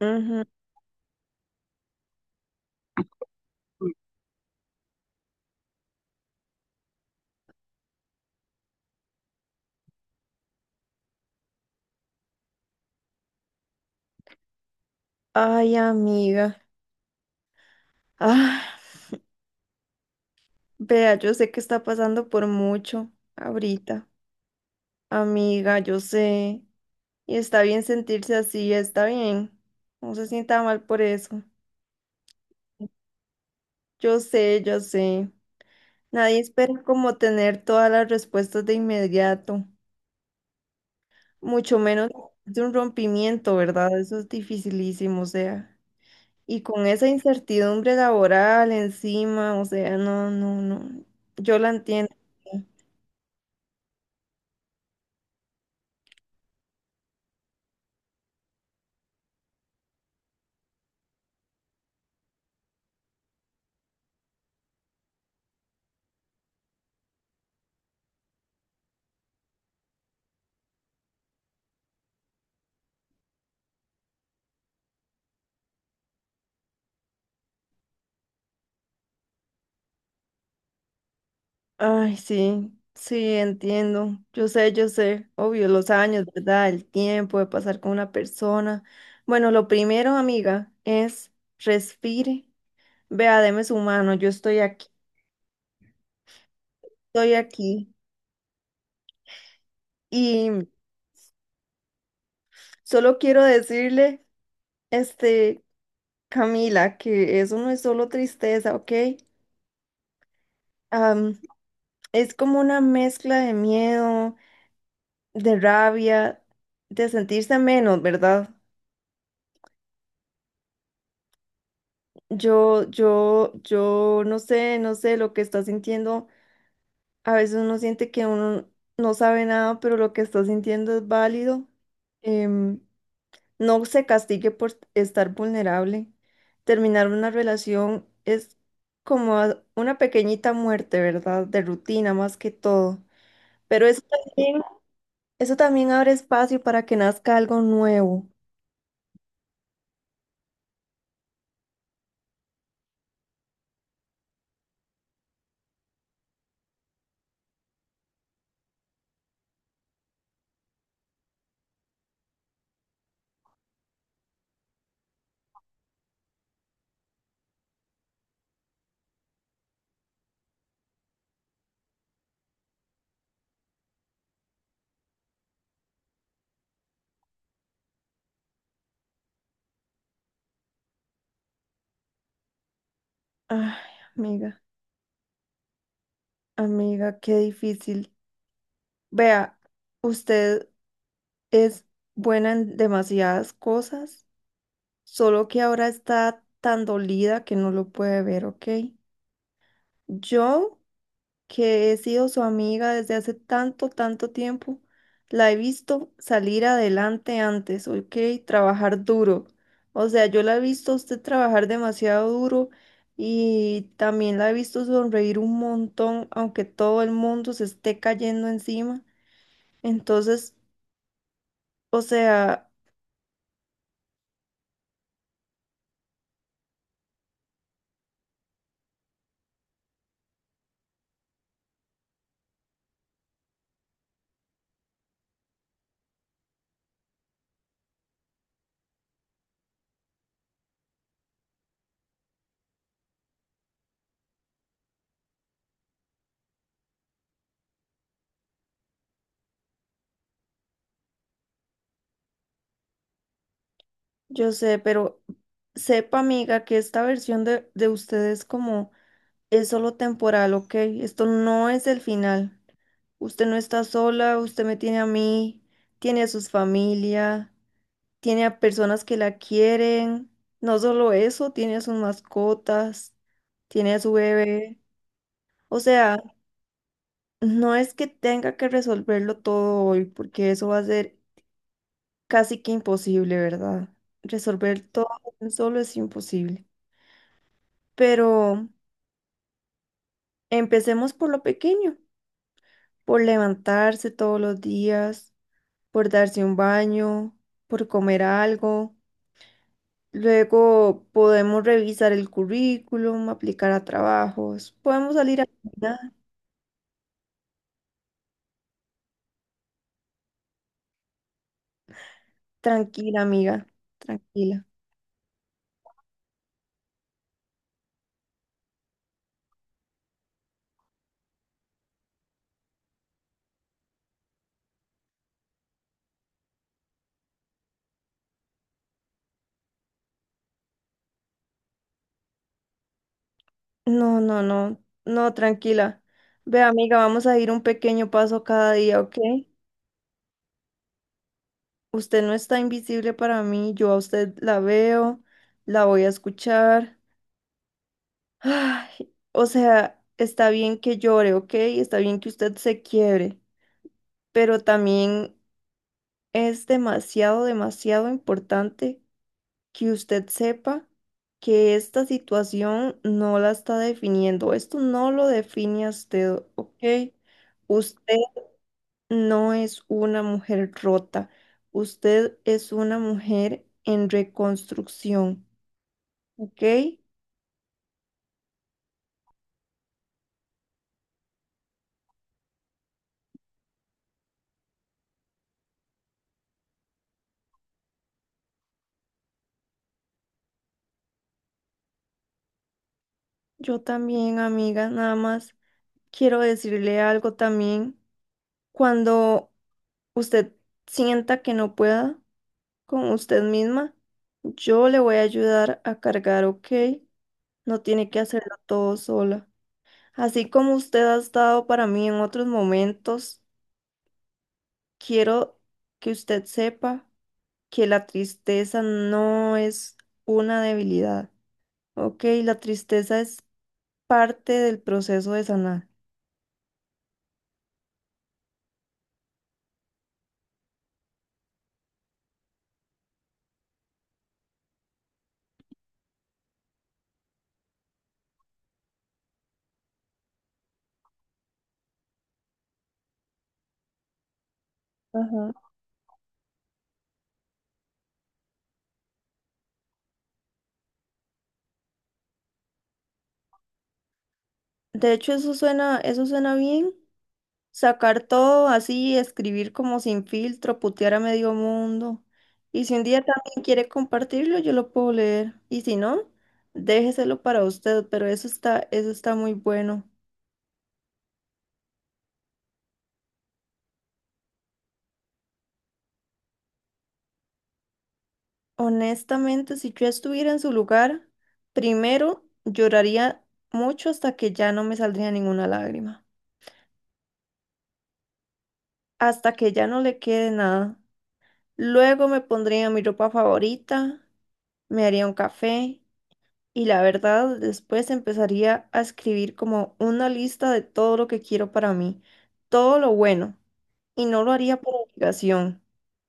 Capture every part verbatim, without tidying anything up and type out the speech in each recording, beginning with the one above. Ujú. Ay, amiga. Ah, vea, yo sé que está pasando por mucho ahorita. Amiga, yo sé. Y está bien sentirse así, está bien. No se sienta mal por eso. Yo sé, yo sé. Nadie espera como tener todas las respuestas de inmediato, mucho menos de un rompimiento, ¿verdad? Eso es dificilísimo, o sea. Y con esa incertidumbre laboral encima, o sea, no, no, no. Yo la entiendo. Ay, sí, sí, entiendo. Yo sé, yo sé, obvio, los años, ¿verdad? El tiempo de pasar con una persona. Bueno, lo primero, amiga, es respire, vea, deme su mano, yo estoy aquí, estoy aquí. Y solo quiero decirle, este, Camila, que eso no es solo tristeza, ¿ok? Am, es como una mezcla de miedo, de rabia, de sentirse menos, ¿verdad? Yo, yo, yo no sé, no sé lo que está sintiendo. A veces uno siente que uno no sabe nada, pero lo que está sintiendo es válido. Em, no se castigue por estar vulnerable. Terminar una relación es como a- una pequeñita muerte, ¿verdad? De rutina más que todo. Pero eso también, eso también abre espacio para que nazca algo nuevo. Ay, amiga, amiga, qué difícil. Vea, usted. Es buena en demasiadas cosas, solo que ahora está tan dolida que no lo puede ver, ¿ok? Yo, que he sido su amiga desde hace tanto, tanto tiempo, la he visto salir adelante antes, ¿ok? Trabajar duro. O sea, yo la he visto a usted trabajar demasiado duro y también la he visto sonreír un montón, aunque todo el mundo se esté cayendo encima. Entonces, o sea... Yo sé, pero sepa, amiga, que esta versión de, de ustedes como es solo temporal, ¿ok? Esto no es el final. Usted no está sola, usted me tiene a mí, tiene a sus familia, tiene a personas que la quieren. No solo eso, tiene a sus mascotas, tiene a su bebé. O sea, no es que tenga que resolverlo todo hoy, porque eso va a ser casi que imposible, ¿verdad? Resolver todo solo es imposible. Pero empecemos por lo pequeño, por levantarse todos los días, por darse un baño, por comer algo. Luego podemos revisar el currículum, aplicar a trabajos, podemos salir a caminar. Tranquila, amiga, tranquila. No, no, no, no, tranquila. Ve, amiga, vamos a ir un pequeño paso cada día, ¿ok? Usted no está invisible para mí, yo a usted la veo, la voy a escuchar. Ay, o sea, está bien que llore, ¿ok? Está bien que usted se quiebre, pero también es demasiado, demasiado importante que usted sepa que esta situación no la está definiendo. Esto no lo define a usted, ¿ok? Usted no es una mujer rota. Usted es una mujer en reconstrucción, ¿ok? Yo también, amiga, nada más. Quiero decirle algo también. Cuando usted sienta que no pueda con usted misma, yo le voy a ayudar a cargar, ¿ok? No tiene que hacerlo todo sola. Así como usted ha estado para mí en otros momentos, quiero que usted sepa que la tristeza no es una debilidad, ¿ok? La tristeza es parte del proceso de sanar. Ajá. De hecho, eso suena, eso suena bien. Sacar todo así, escribir como sin filtro, putear a medio mundo. Y si un día también quiere compartirlo, yo lo puedo leer. Y si no, déjeselo para usted, pero eso está, eso está muy bueno. Honestamente, si yo estuviera en su lugar, primero lloraría mucho hasta que ya no me saldría ninguna lágrima, hasta que ya no le quede nada. Luego me pondría mi ropa favorita, me haría un café. Y la verdad, después empezaría a escribir como una lista de todo lo que quiero para mí, todo lo bueno. Y no lo haría por obligación,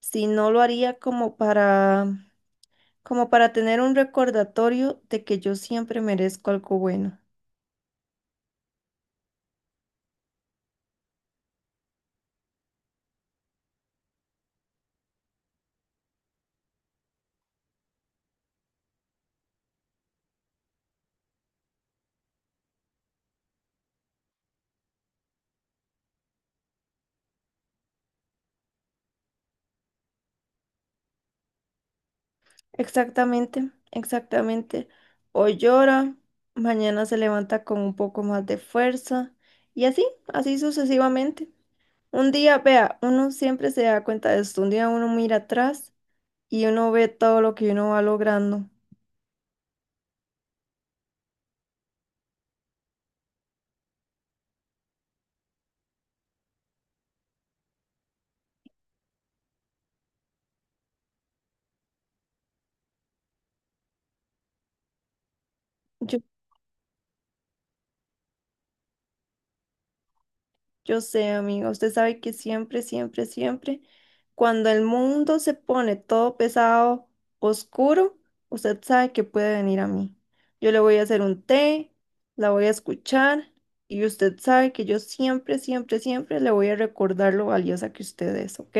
sino lo haría como para, como para tener un recordatorio de que yo siempre merezco algo bueno. Exactamente, exactamente. Hoy llora, mañana se levanta con un poco más de fuerza y así, así sucesivamente. Un día, vea, uno siempre se da cuenta de esto. Un día uno mira atrás y uno ve todo lo que uno va logrando. Yo, yo sé, amiga, usted sabe que siempre, siempre, siempre, cuando el mundo se pone todo pesado, oscuro, usted sabe que puede venir a mí. Yo le voy a hacer un té, la voy a escuchar y usted sabe que yo siempre, siempre, siempre le voy a recordar lo valiosa que usted es, ¿ok?